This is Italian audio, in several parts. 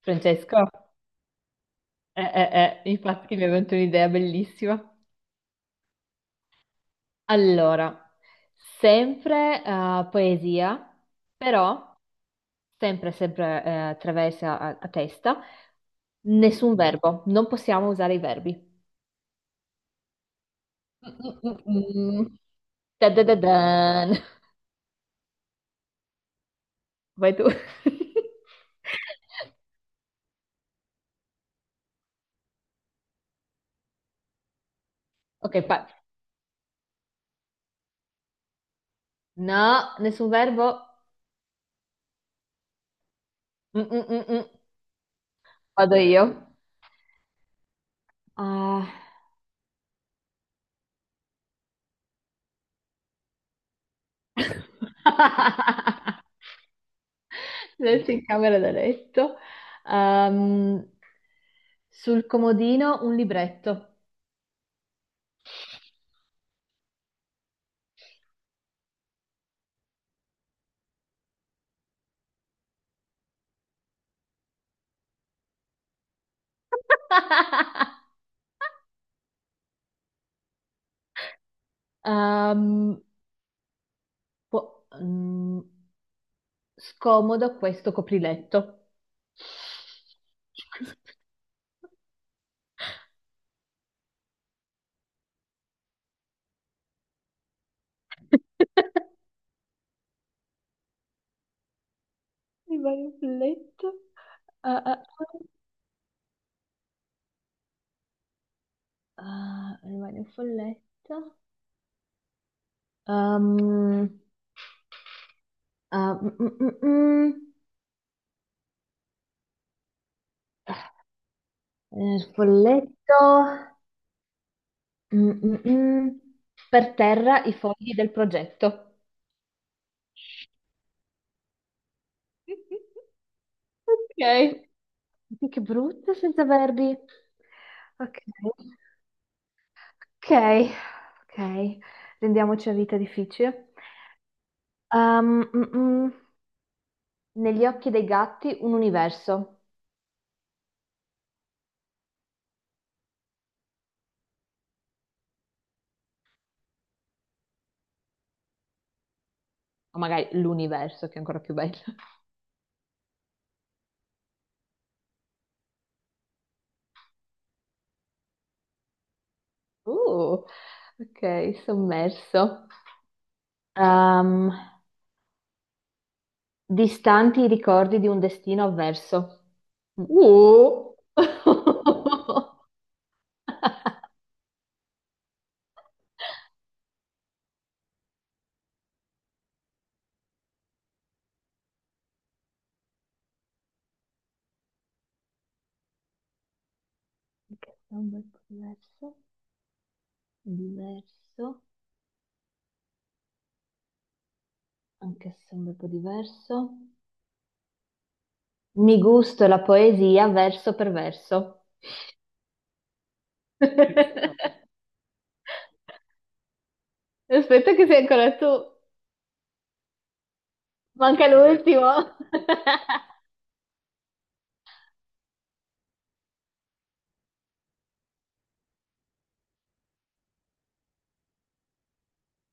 Francesco? Infatti mi è venuta un'idea bellissima. Allora, sempre poesia, però sempre attraversa a testa, nessun verbo, non possiamo usare i verbi. Mm, mm, mm, mm. Da, da, da, dan. Vai tu. Ok, no, nessun verbo. Mm, mm, mm, mm. Vado io. Ah, Letto in camera da letto. Ehm, Sul comodino un libretto. Ehm, po- mm, Scomodo questo copriletto. Rimane un folletto. Ah, ah, ah. Ah, rimane un folletto. Ehm, ah, mm, mm, mm, mm. Folletto, mm, mm, mm. Per terra i fogli del progetto. Ok, sì, che brutto senza verbi. Ok, ok, ok, rendiamoci la vita difficile. Mm, mm. Negli occhi dei gatti un universo, o magari l'universo che è ancora più bello. Uh, ok, sommerso. Um, Distanti i ricordi di un destino avverso. Mm. Anche se è un bel po' diverso, diverso, anche se è un bel po' diverso. Mi gusto la poesia verso per verso. Aspetta che sei ancora tu. Manca l'ultimo.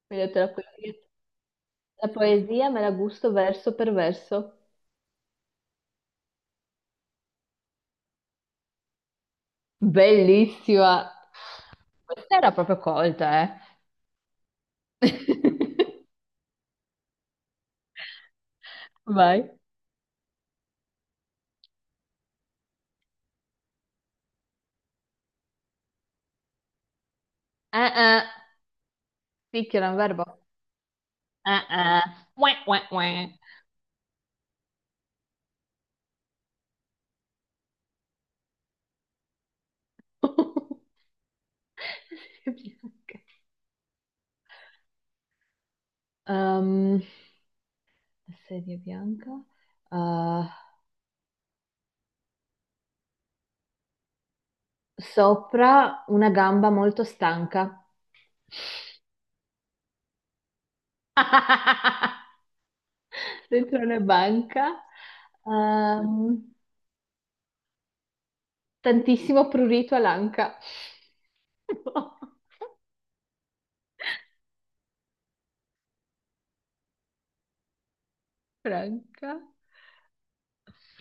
Mi hai detto la poesia. La poesia me la gusto verso per verso. Bellissima. Questa era proprio colta, eh. Vai. Eh. Picchio è un verbo. Eh. Uè, uè, uè. Serie bianca. Ehm, Serie bianca. Eh, sopra una gamba molto stanca. Dentro una banca. Ehm, Tantissimo prurito all'anca. Franca.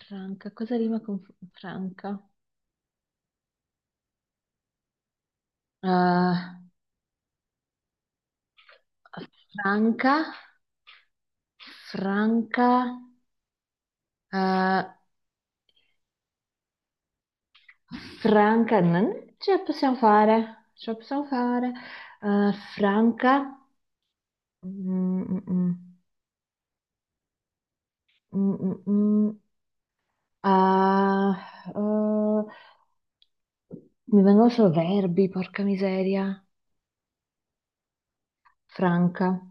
Franca, cosa rima con Franca? Eh, Franca, Franca, eh, Franca, non ce la possiamo fare, ce la possiamo fare. Franca, mm, mm, mm, mm, mm, ah, eh, mi vengono solo verbi, porca miseria. Franca,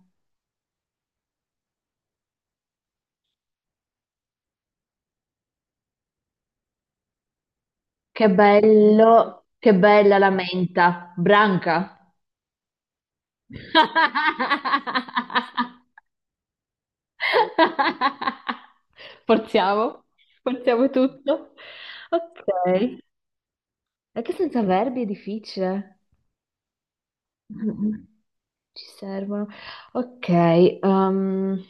che bello, che bella la menta, branca. Forziamo, forziamo tutto. Ok. E che senza verbi è difficile. Mm. Ci servono. Ok.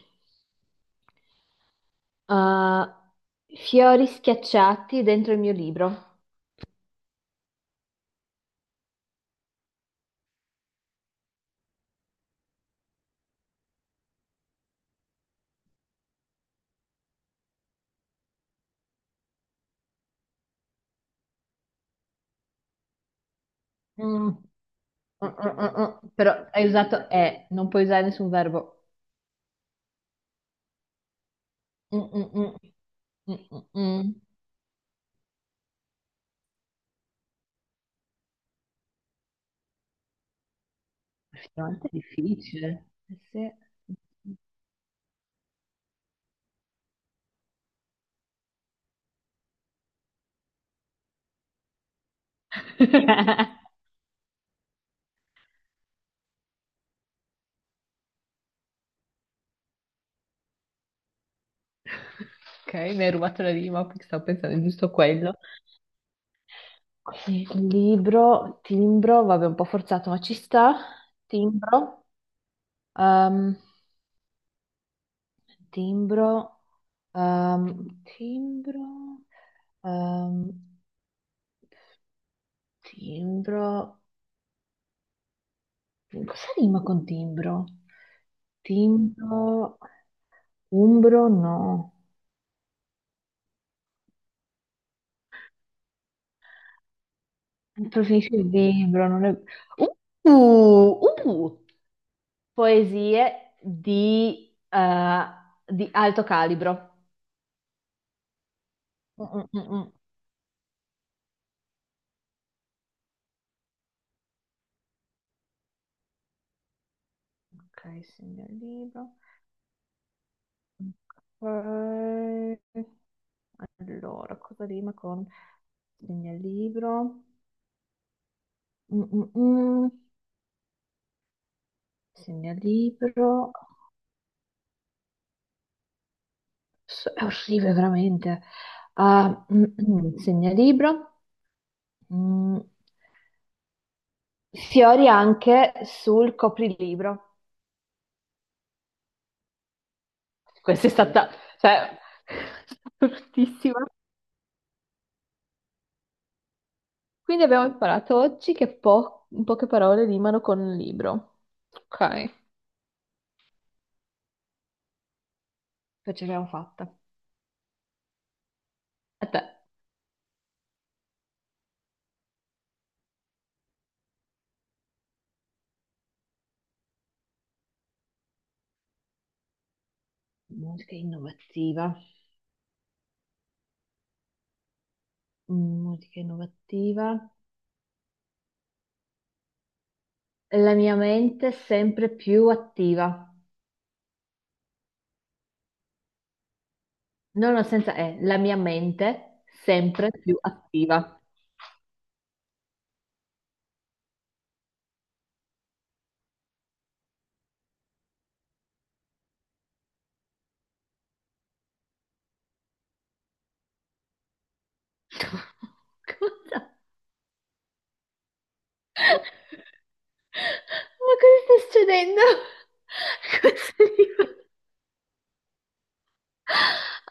uh, fiori schiacciati dentro il mio libro. Mm, mm, mm, mm, mm. Però hai usato e, non puoi usare nessun verbo. Mm, mm, mm. Mm, mm, mm. Effettivamente è difficile. Eh sì. Ok, mi hai rubato la rima perché stavo pensando giusto a quello. Quindi libro, timbro, vabbè, un po' forzato, ma ci sta. Timbro, ehm, timbro, timbro, ehm, timbro. Cosa rima con timbro? Timbro, umbro, no. Preferisco il libro, non è... Uh, uh, Poesie di, eh, di alto calibro. Mm, mm, mm, mm. Ok, segno il libro. Ok. Allora, cosa rima con segnalibro? Mm, mm, mm. Segnalibro. È orribile, veramente. Ah, mm, mm. Segnalibro. Mm. Fiori anche sul coprilibro. Questa è, sì, stata, cioè, bruttissima. Quindi abbiamo imparato oggi che in poche parole rimano con un libro. Ok, poi ce l'abbiamo fatta. A te. Musica innovativa. Mm, musica innovativa. La mia mente sempre più attiva. No, no, senza E. La mia mente sempre più attiva. Cosa? Ma cosa sta succedendo? Questo libro?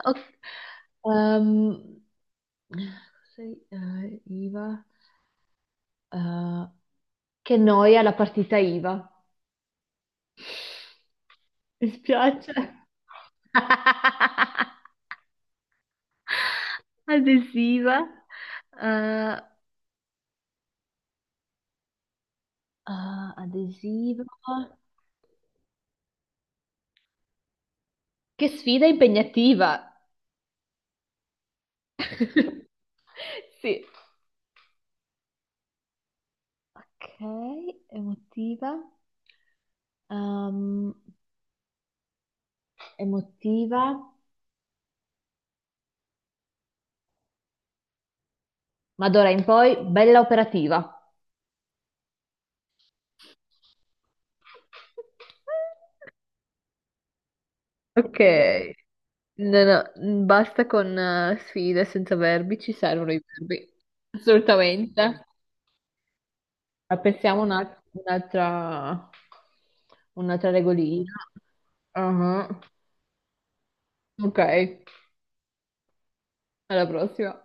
Ok, ehm, IVA, eh, che noia la partita IVA. Mi spiace. Adesiva. eh, Adesiva. Che sfida impegnativa. Sì. Ok, emotiva. Ehm, Emotiva. Ma d'ora in poi, bella operativa. Ok, no, no, basta con sfide senza verbi, ci servono i verbi. Assolutamente. Ma pensiamo un'altra regolina. Ah, ok, alla prossima.